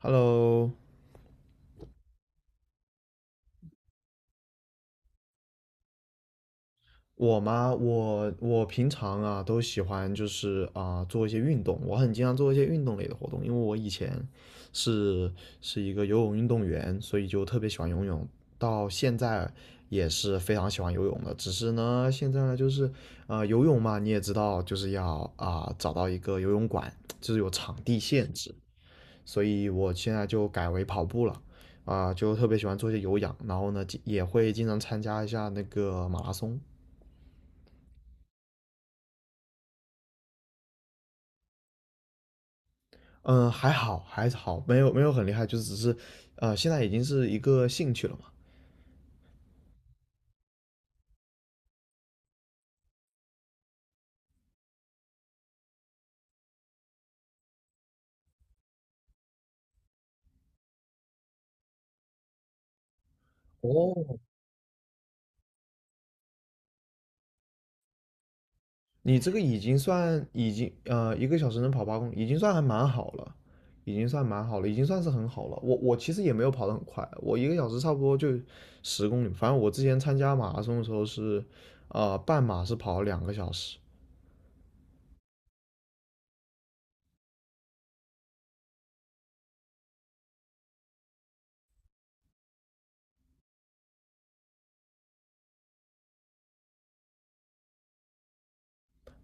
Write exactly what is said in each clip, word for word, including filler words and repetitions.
Hello，我吗？我我平常啊都喜欢就是啊、做一些运动，我很经常做一些运动类的活动，因为我以前是是一个游泳运动员，所以就特别喜欢游泳，到现在也是非常喜欢游泳的。只是呢，现在呢就是呃游泳嘛，你也知道就是要啊、找到一个游泳馆，就是有场地限制，所以我现在就改为跑步了，啊、呃就特别喜欢做一些有氧，然后呢，也会经常参加一下那个马拉松。嗯，还好，还好，没有没有很厉害，就只是，呃，现在已经是一个兴趣了嘛。哦，你这个已经算已经呃一个小时能跑八公里，已经算还蛮好了，已经算蛮好了，已经算是很好了。我我其实也没有跑得很快，我一个小时差不多就十公里。反正我之前参加马拉松的时候是，呃，半马是跑了两个小时，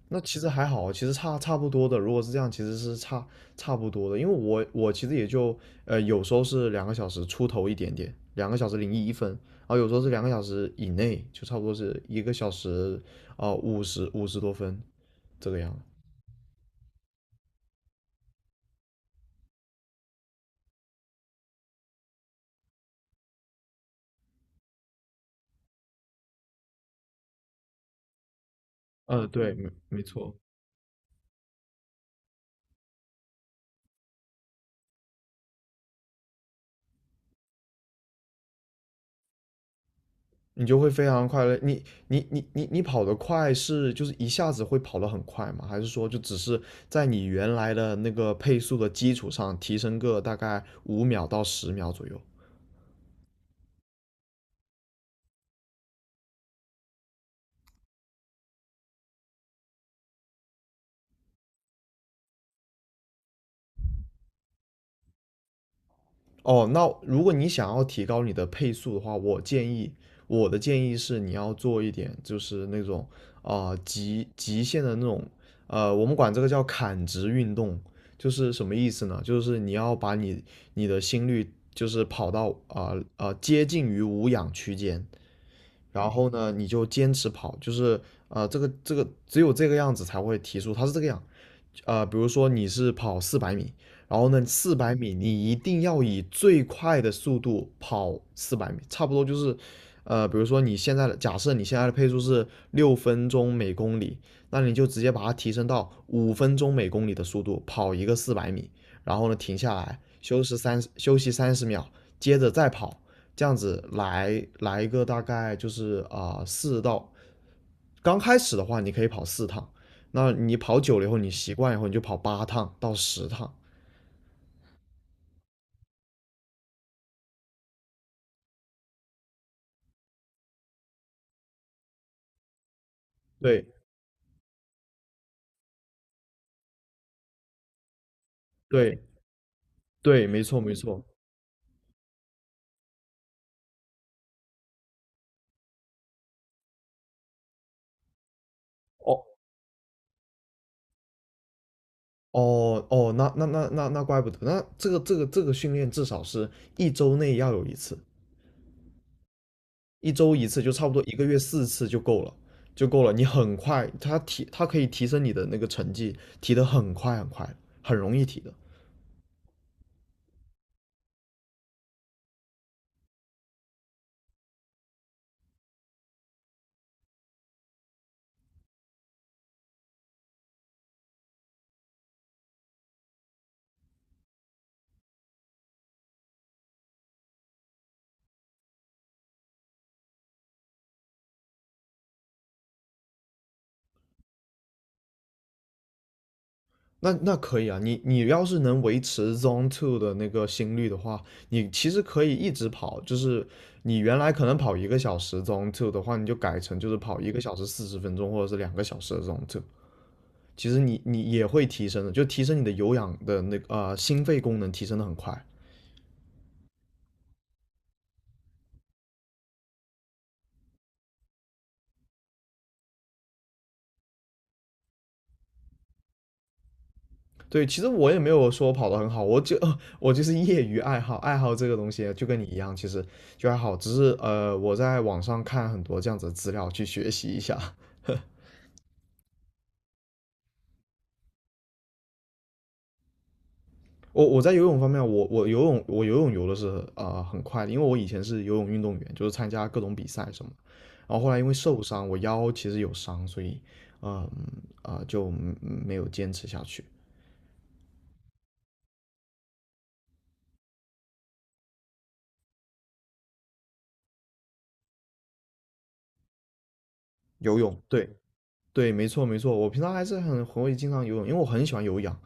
那其实还好，其实差差不多的。如果是这样，其实是差差不多的，因为我我其实也就呃有时候是两个小时出头一点点，两个小时零一分，然后有时候是两个小时以内，就差不多是一个小时啊五十五十多分这个样子。呃，对，没没错。你就会非常快乐。你你你你你跑得快是就是一下子会跑得很快吗？还是说就只是在你原来的那个配速的基础上提升个大概五秒到十秒左右？哦，那如果你想要提高你的配速的话，我建议，我的建议是你要做一点，就是那种啊、呃极极限的那种，呃，我们管这个叫砍直运动，就是什么意思呢？就是你要把你你的心率就是跑到啊啊、呃呃接近于无氧区间，然后呢，你就坚持跑，就是呃，这个这个只有这个样子才会提速，它是这个样，呃，比如说你是跑四百米，然后呢，四百米你一定要以最快的速度跑四百米，差不多就是，呃，比如说你现在的假设你现在的配速是六分钟每公里，那你就直接把它提升到五分钟每公里的速度跑一个四百米，然后呢停下来休息三休息三十秒，接着再跑，这样子来来一个大概就是啊四、呃到，刚开始的话你可以跑四趟，那你跑久了以后你习惯以后你就跑八趟到十趟，对对对，没错没错，哦哦哦，那那那那那怪不得，那这个这个这个训练至少是一周内要有一次，一周一次就差不多一个月四次就够了。就够了，你很快，它提它可以提升你的那个成绩，提得很快很快，很容易提的。那那可以啊，你你要是能维持 Zone Two 的那个心率的话，你其实可以一直跑，就是你原来可能跑一个小时 Zone Two 的话，你就改成就是跑一个小时四十分钟或者是两个小时的 Zone Two，其实你你也会提升的，就提升你的有氧的那个呃心肺功能提升的很快。对，其实我也没有说跑的很好，我就 我就是业余爱好，爱好这个东西就跟你一样，其实就还好，只是呃我在网上看很多这样子的资料去学习一下。我我在游泳方面，我我游泳我游泳游的是呃很快的，因为我以前是游泳运动员，就是参加各种比赛什么。然后后来因为受伤，我腰其实有伤，所以嗯啊、呃就嗯没有坚持下去。游泳，对对，没错没错，我平常还是很很会经常游泳，因为我很喜欢有氧，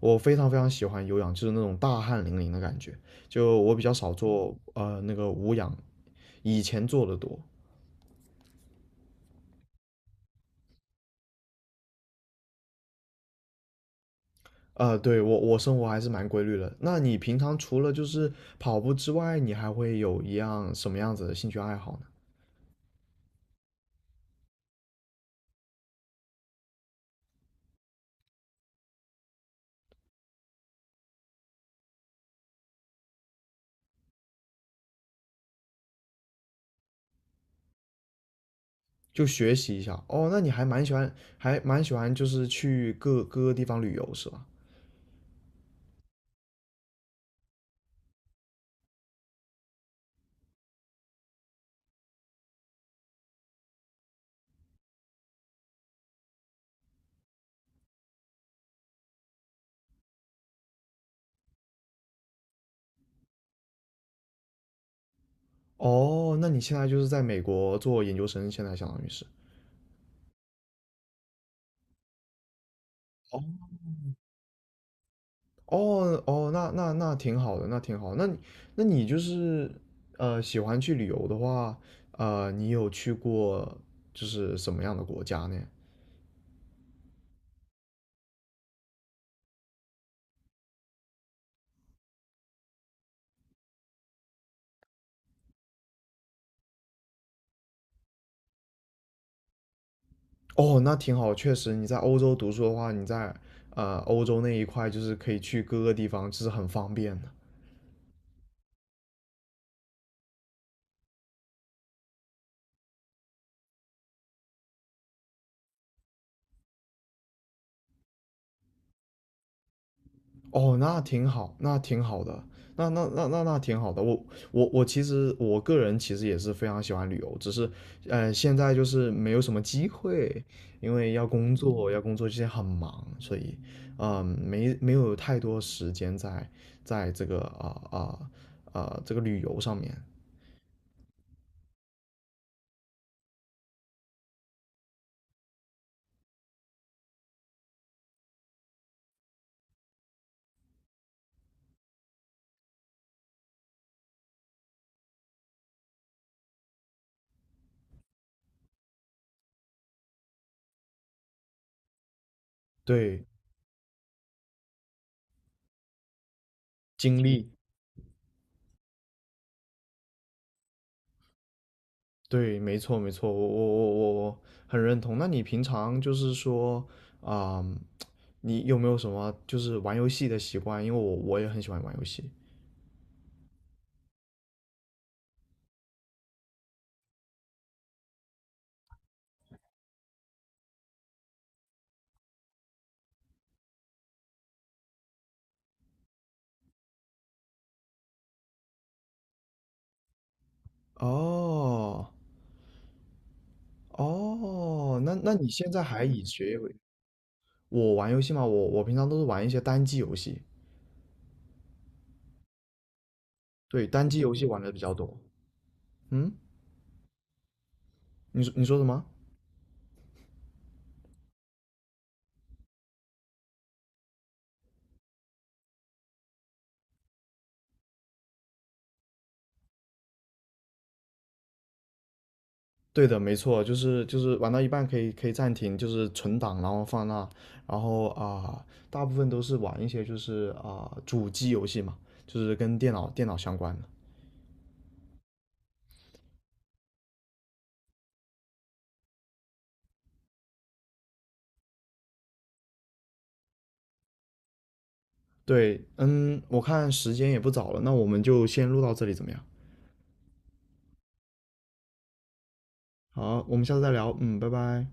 我非常非常喜欢有氧，就是那种大汗淋漓的感觉。就我比较少做呃那个无氧，以前做的多。呃，对，我我生活还是蛮规律的。那你平常除了就是跑步之外，你还会有一样什么样子的兴趣爱好呢？就学习一下。哦，那你还蛮喜欢，还蛮喜欢就是去各各个地方旅游是吧？哦，那你现在就是在美国做研究生，现在相当于是。哦哦哦，那那那挺好的，那挺好的那你那你就是呃喜欢去旅游的话，呃，你有去过就是什么样的国家呢？哦，那挺好，确实你在欧洲读书的话，你在呃欧洲那一块就是可以去各个地方，这是很方便的。哦，那挺好，那挺好的，那那那那那挺好的。我我我其实我个人其实也是非常喜欢旅游，只是呃现在就是没有什么机会，因为要工作，要工作，现在很忙，所以嗯、没没有太多时间在在这个啊啊啊这个旅游上面，对，经历。对，没错，没错，我我我我我很认同。那你平常就是说，啊、你有没有什么就是玩游戏的习惯？因为我我也很喜欢玩游戏。哦哦，那那你现在还以学业为？我玩游戏嘛，我我平常都是玩一些单机游戏，对，单机游戏玩的比较多。嗯，你说你说什么？对的，没错，就是就是玩到一半可以可以暂停，就是存档，然后放那，然后啊、大部分都是玩一些就是啊、主机游戏嘛，就是跟电脑电脑相关的。对，嗯，我看时间也不早了，那我们就先录到这里怎么样？好，我们下次再聊，嗯，拜拜。